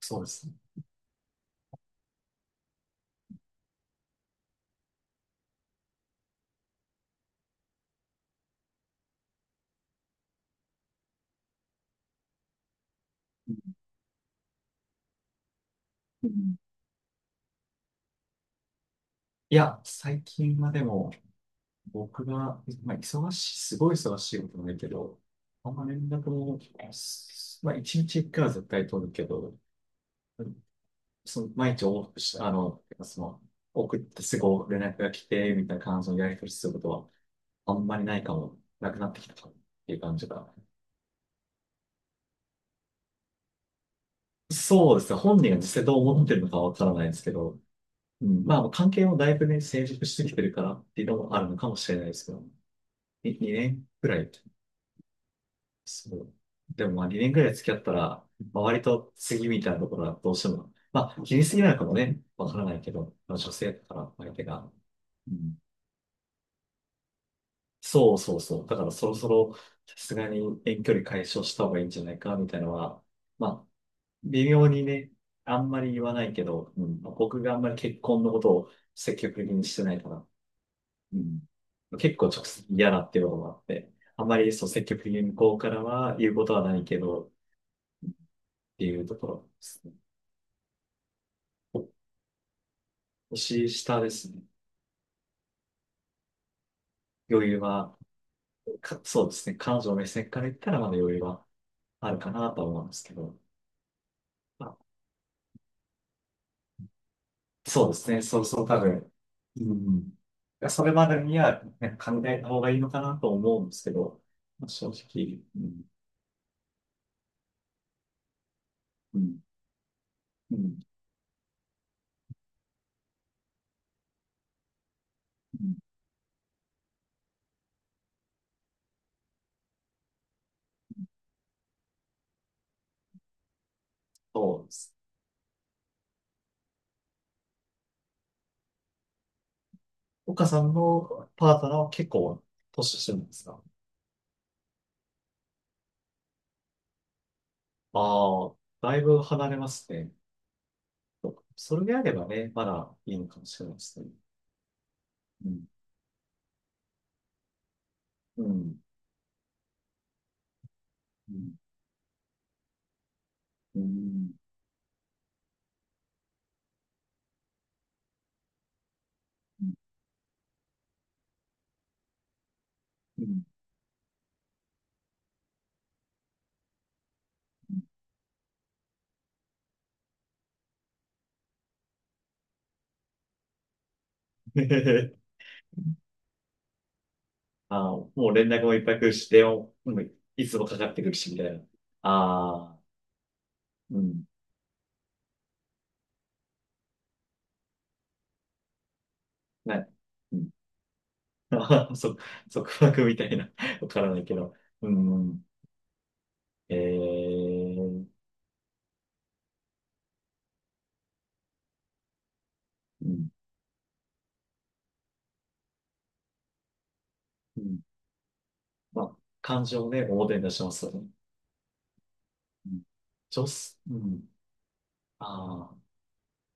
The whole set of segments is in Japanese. そうですね。うん、いや、最近はでも、僕が、まあ、忙しい、すごい忙しいことないけど、あんま連絡も、まあ、一日一回は絶対取るけど、毎日往復して、送ってすぐ連絡が来て、みたいな感じのやり取りすることは、あんまりないかも、なくなってきたかもっていう感じが。そうですね。本人が実際どう思ってるのかわからないですけど、うん、まあ、関係もだいぶね、成熟してきてるからっていうのもあるのかもしれないですけど。2年くらい。そう。でもまあ2年くらい付き合ったら、周りと次みたいなところはどうしても、まあ気にすぎないのかもね、わからないけど、まあ、女性だから相手が。うん、そうそうそう。だからそろそろさすがに遠距離解消した方がいいんじゃないかみたいなのは、まあ微妙にね、あんまり言わないけど、うん、まあ、僕があんまり結婚のことを積極的にしてないから、うん、結構直接嫌だっていうこともあって、あんまりそう積極的に向こうからは言うことはないけどっていうところですね。お年下ですね。余裕は、そうですね。彼女の目線から言ったらまだ余裕はあるかなとは思うんですけど。まあ、そうですね。そうそう、多分。うん。それまでには、ね、考えた方がいいのかなと思うんですけど、まあ、正直、うん、うん、うん、うん、そうです。岡さんのパートナーは結構年下なんですか？ああ、だいぶ離れますね。それであればね、まだいいのかもしれないですね。うん。うん。うん。うん。うん。うん。 ああ、もう連絡もいっぱい来るし、電話もうん、いつもかかってくるし、みたいな。ああ、うん。な、うん。ああ、束縛みたいな。わからないけど。うん。ええー。うん。うん。まあ、感情をね、表に出しますよね。うん。女性、うん。ああ。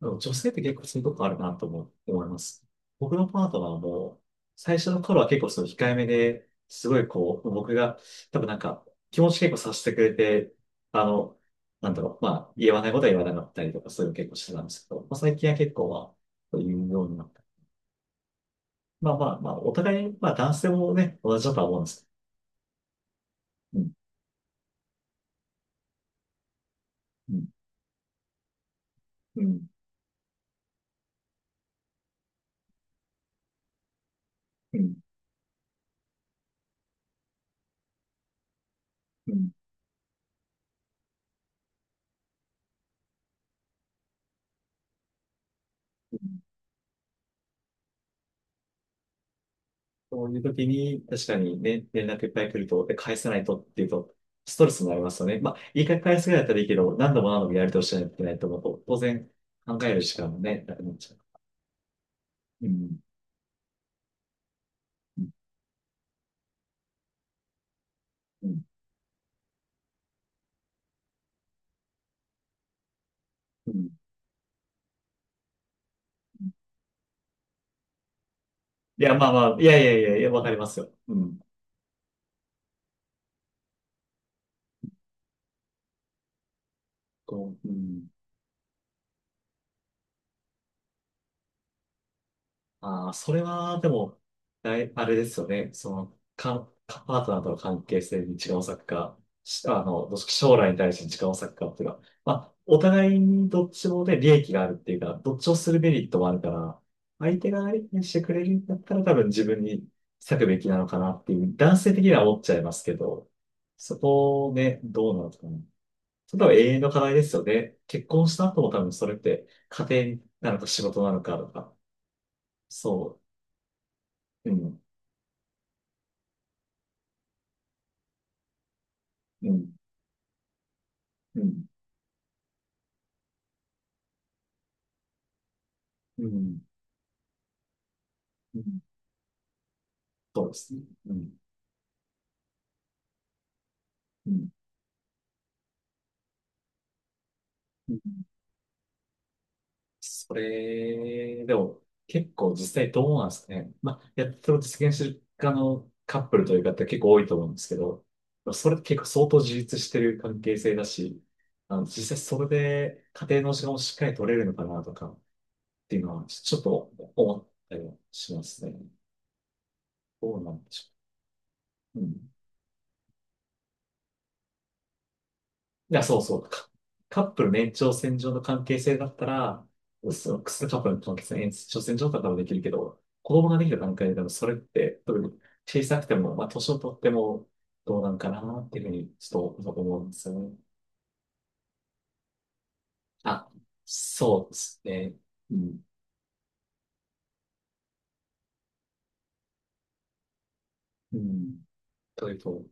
でも女性って結構そういうとこあるなと思います。僕のパートナーも、最初の頃は結構その控えめで、すごいこう、僕が、多分なんか、気持ち結構させてくれて、あの、なんだろう、まあ、言わないことは言わなかったりとか、そういうの結構してたんですけど、まあ、最近は結構は、そう言うようになった。まあまあまあ、お互い、まあ男性もね、同じだとは思うんですけど。うん、うん、うん、うん、うん。うん、そういう時に、確かにね、連絡いっぱい来ると、で、返さないとっていうと、ストレスになりますよね。まあ、いい回返すぐらいだったらいいけど、何度も何度もやり通しないといけないと思うと、当然、考える時間もね、なくなっちゃう。うん。うん。うん。うん、いや、まあまあ、いやいやいやいや、わかりますよ。うん。こう、うん。ああ、それは、でも、あれですよね。その、か、かパートナーとの関係性に時間を割くか、しあの、どっち将来に対して時間を割くかっていうか、まあ、お互いにどっちもで利益があるっていうか、どっちをするメリットもあるから、相手が相手にしてくれるんだったら多分自分に割くべきなのかなっていう、男性的には思っちゃいますけど、そこをね、どうなのかな。それは永遠の課題ですよね。結婚した後も多分それって家庭なのか仕事なのかとか、そう。うん、うん、うん、うん、うん。そうですね。うん、うん、うん。それ、でも、結構実際どうなんですかね。まあ、やっと実現してる側のカップルという方結構多いと思うんですけど、それって結構相当自立してる関係性だし、あの、実際それで家庭の時間をしっかり取れるのかなとかっていうのは、ちょっと思ったりはしますね。どうなんでしょう。うん、そうそう。カップルの延長線上の関係性だったら、そのカップルの関係性の延長線上だったらできるけど、子供ができた段階でもそれって、特に小さくても、まあ、年を取ってもどうなんかなっていうふうに、ちょっと思うんですよね。あ、そうですね。うん。うん。というと、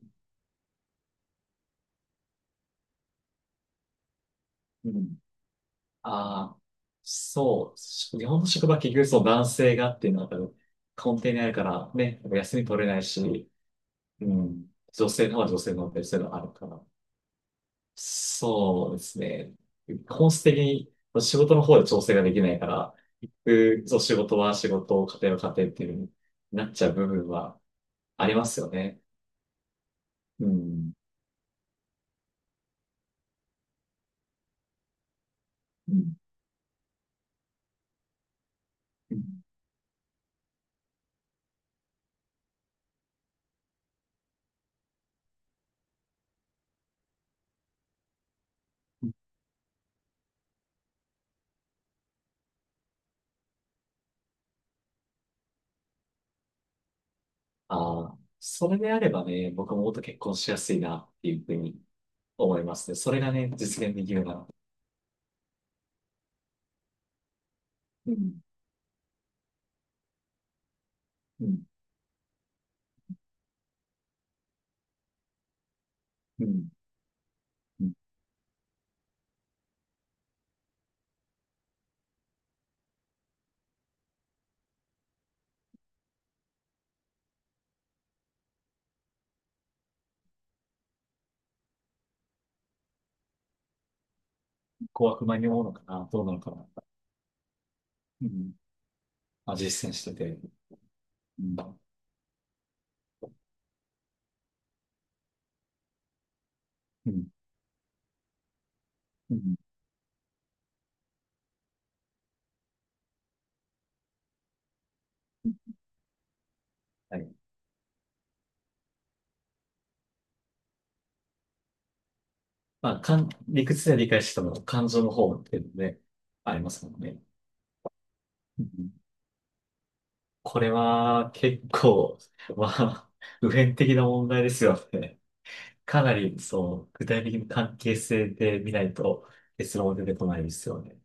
うん。ああ、そう。日本の職場は結局その男性がっていうのが多分根底にあるから、ね、やっぱ休み取れないし、うん。女性の方は女性のベストがあるから。そうですね。本質的に仕事の方で調整ができないから、そう、仕事は仕事、家庭は家庭っていう風になっちゃう部分はありますよね。うん。うん、うん。ああ、それであればね、僕ももっと結婚しやすいなっていうふうに思いますね。それがね、実現できるなら。うん。うん。うん。うん、怖く間に思うのかなどうなのかな。うん。まあ、実践してて。うん。うん。うん、はい。まあ、理屈で理解しても感情の方っていうので、ありますもんね。うん、これは結構、まあ、普遍的な問題ですよね。かなり、そう、具体的な関係性で見ないと結論は出てこないですよね。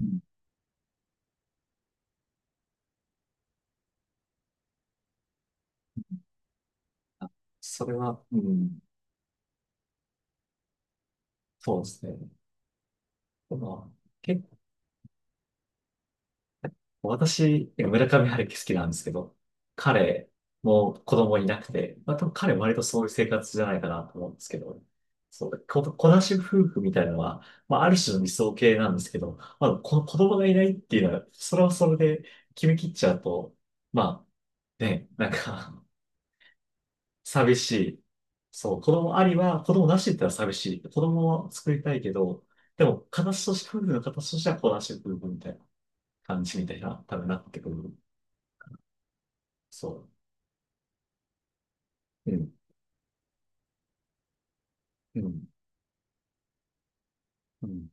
うん、あ、それは、うん、そうですね。まあ、結私、村上春樹好きなんですけど、彼も子供いなくて、まあ、多分彼割とそういう生活じゃないかなと思うんですけど、そう、子なし夫婦みたいなのは、まあ、ある種の理想形なんですけど、まあ、子供がいないっていうのは、それはそれで決め切っちゃうと、まあ、ね、なんか 寂しい。そう、子供ありは、子供なしって言ったら寂しい。子供を作りたいけど、でも、形として、夫婦の形としては子なし夫婦みたいな感じみたいな、多分なってくる。そう。うん、うん、うん、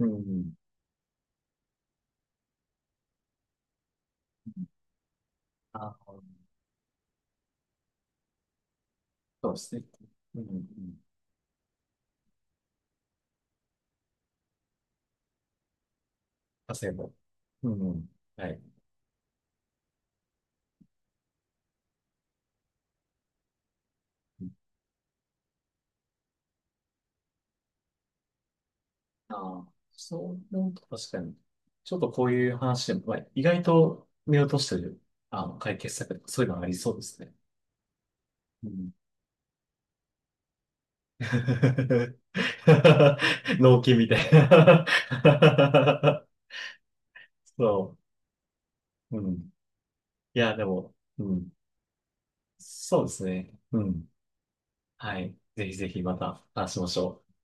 うん。うん、あ、そうですね。うん、うん。汗も。うん、はい。ああ、そう思うと確かに。ちょっとこういう話でも、まあ、意外と見落としてる、あの、解決策とかそういうのありそうですね。うん。納期みたいな。 そう。うん。いや、でも、うん。そうですね。うん。はい。ぜひぜひまた話しましょう。